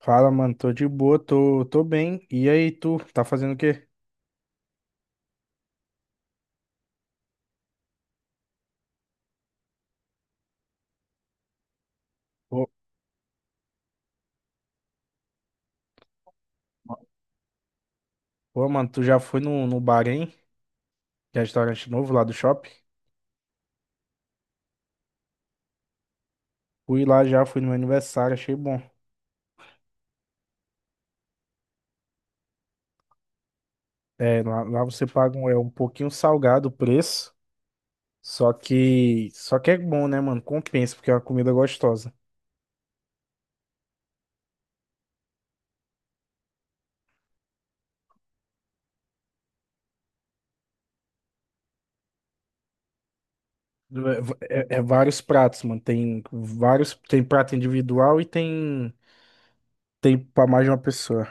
Fala, mano, tô de boa, tô bem. E aí, tu, tá fazendo o quê? Ô, ma- ô, mano, tu já foi no bar, hein? Que é restaurante novo lá do shopping? Fui lá já, fui no meu aniversário, achei bom. É, lá você paga um, um pouquinho salgado o preço, só que é bom, né, mano? Compensa, porque é uma comida gostosa. É vários pratos, mano, tem vários, tem prato individual e tem, tem pra mais de uma pessoa.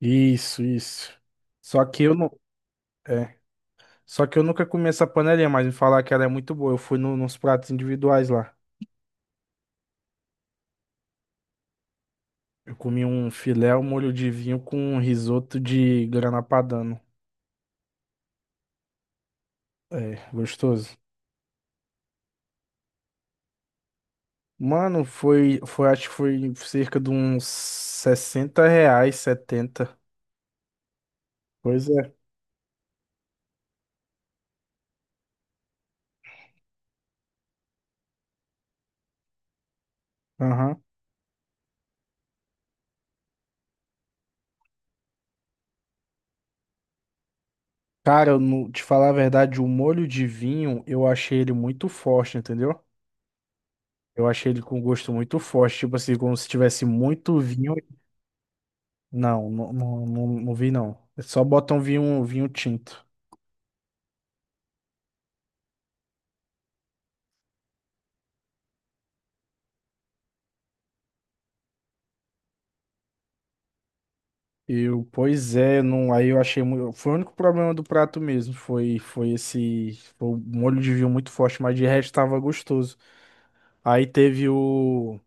Isso, isso. Só que eu não... é. Só que eu nunca comi essa panelinha, mas me falar que ela é muito boa. Eu fui nos pratos individuais lá. Eu comi um filé ao molho de vinho com um risoto de grana padano. É, gostoso. Mano, foi, acho que foi cerca de uns 60 reais, 70. Pois é. Aham. Cara, eu, não- te falar a verdade, o molho de vinho, eu achei ele muito forte, entendeu? Eu achei ele com gosto muito forte, tipo assim, como se tivesse muito vinho. Não vi não. É, só botam vinho, vinho tinto. Eu, pois é, não, aí eu achei muito, foi o único problema do prato mesmo, foi o molho de vinho muito forte, mas de resto tava gostoso. Aí teve o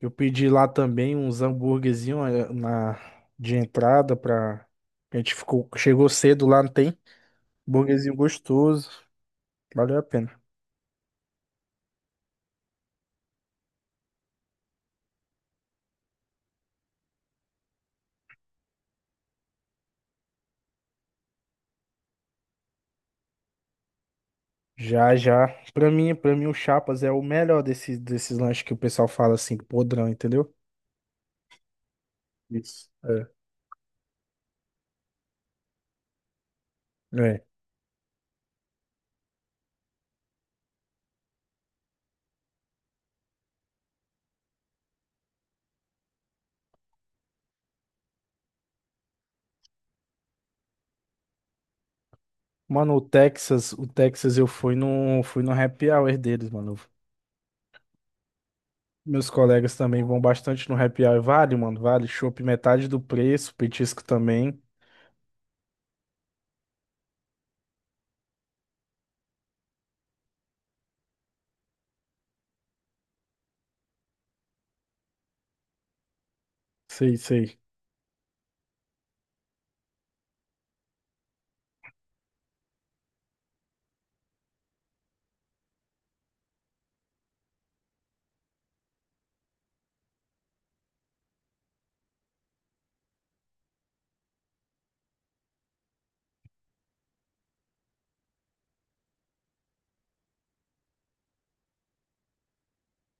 eu pedi lá também uns hambúrguerzinho na de entrada pra a gente ficou chegou cedo lá, não tem? Hambúrguerzinho gostoso, valeu a pena. Já, já. Pra mim, para mim o chapas é o melhor desses lanches que o pessoal fala assim, podrão, entendeu? Isso. É. É. Mano, o Texas eu fui fui no happy hour deles, mano. Meus colegas também vão bastante no happy hour. Vale, mano, vale. Chopp metade do preço, petisco também. Sei, sei.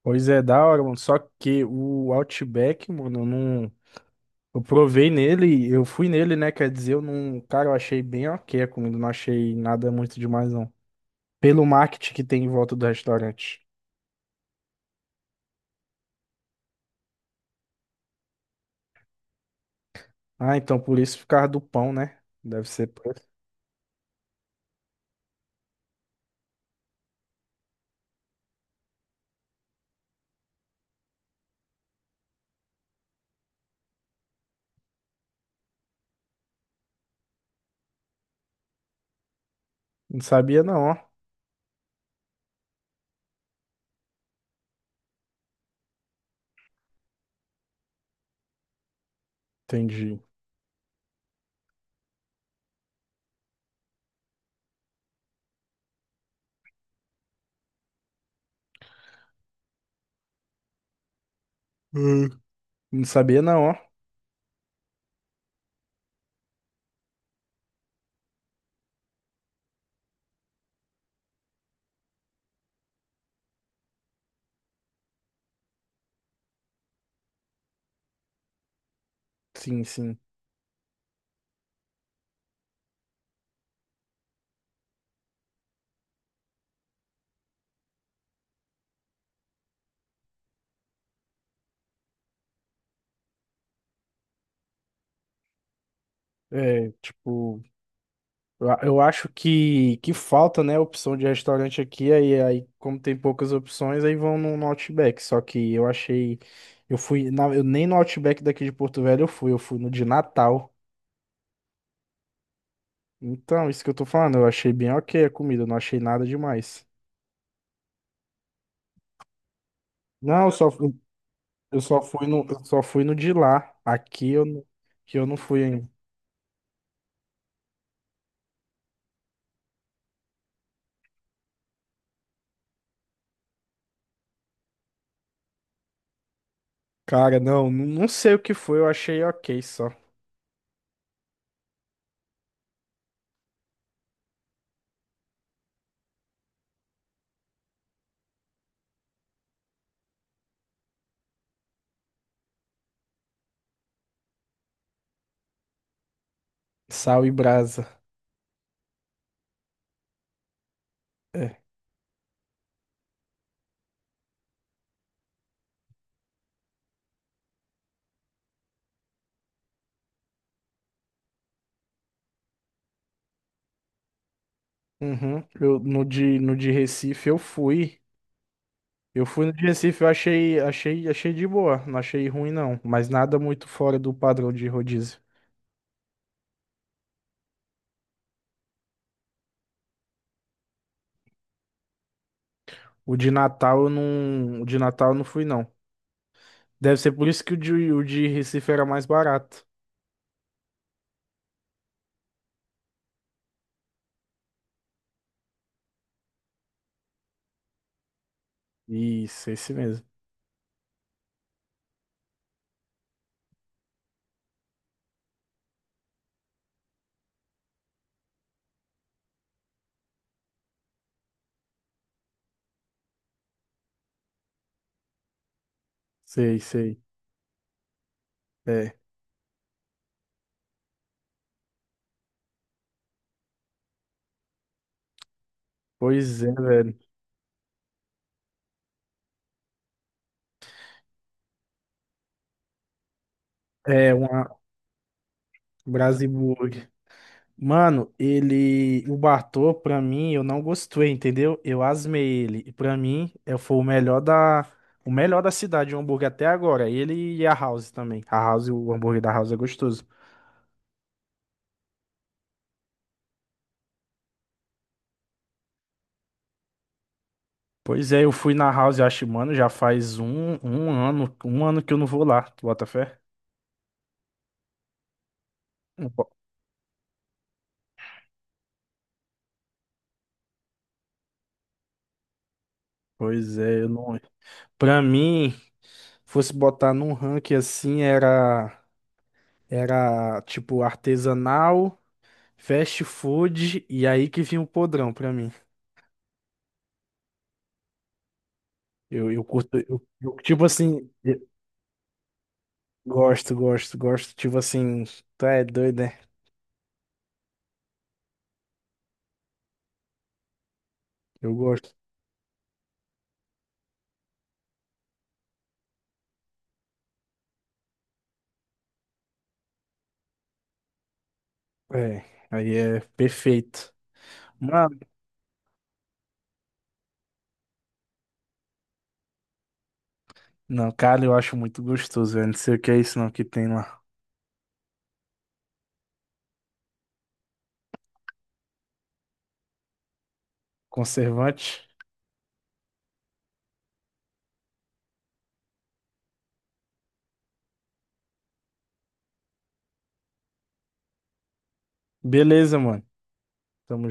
Pois é, da hora, mano. Só que o Outback, mano, eu não. Eu provei nele, eu fui nele, né? Quer dizer, eu não. Cara, eu achei bem ok a comida, não achei nada muito demais, não. Pelo marketing que tem em volta do restaurante. Ah, então por isso, por causa do pão, né? Deve ser. Por isso. Não sabia, não, ó. Entendi. Hum. Não sabia não, ó. Sim, sim. É, tipo, eu acho que falta, né, opção de restaurante aqui, aí como tem poucas opções, aí vão no Outback. Só que eu achei, eu nem no Outback daqui de Porto Velho eu fui no de Natal. Então, isso que eu tô falando, eu achei bem ok a comida, eu não achei nada demais. Não, eu só fui no, eu só fui no de lá. Aqui eu, não- que eu não fui ainda. Cara, não, não sei o que foi, eu achei ok só. Sal e brasa. É. Uhum. Eu, no de Recife eu fui. Eu fui no de Recife, eu achei, achei de boa. Não achei ruim, não. Mas nada muito fora do padrão de rodízio. O de Natal eu não. O de Natal eu não fui, não. Deve ser por isso que o de Recife era mais barato. Isso, esse mesmo. Sei, sei. É. Pois é, velho. É, uma Brasiburger. Mano, ele. O Bartô, pra mim, eu não gostei, entendeu? Eu asmei ele. E pra mim, é- foi o melhor da. O melhor da cidade, o hambúrguer até agora. Ele e a House também. A House, o hambúrguer da House é gostoso. Pois é, eu fui na House, eu acho, mano, já faz um ano que eu não vou lá. Tu bota fé? Não po- Pois é, eu não. Pra mim, fosse botar num ranking assim, era. Era tipo artesanal, fast food, e aí que vinha o podrão pra mim. Eu curto, tipo assim, eu gosto, tipo assim, tá, é doido, né? Eu gosto. É, aí é perfeito. Mano, não, cara, eu acho muito gostoso, velho. Não sei o que é isso não que tem lá. Conservante. Beleza, mano. Tamo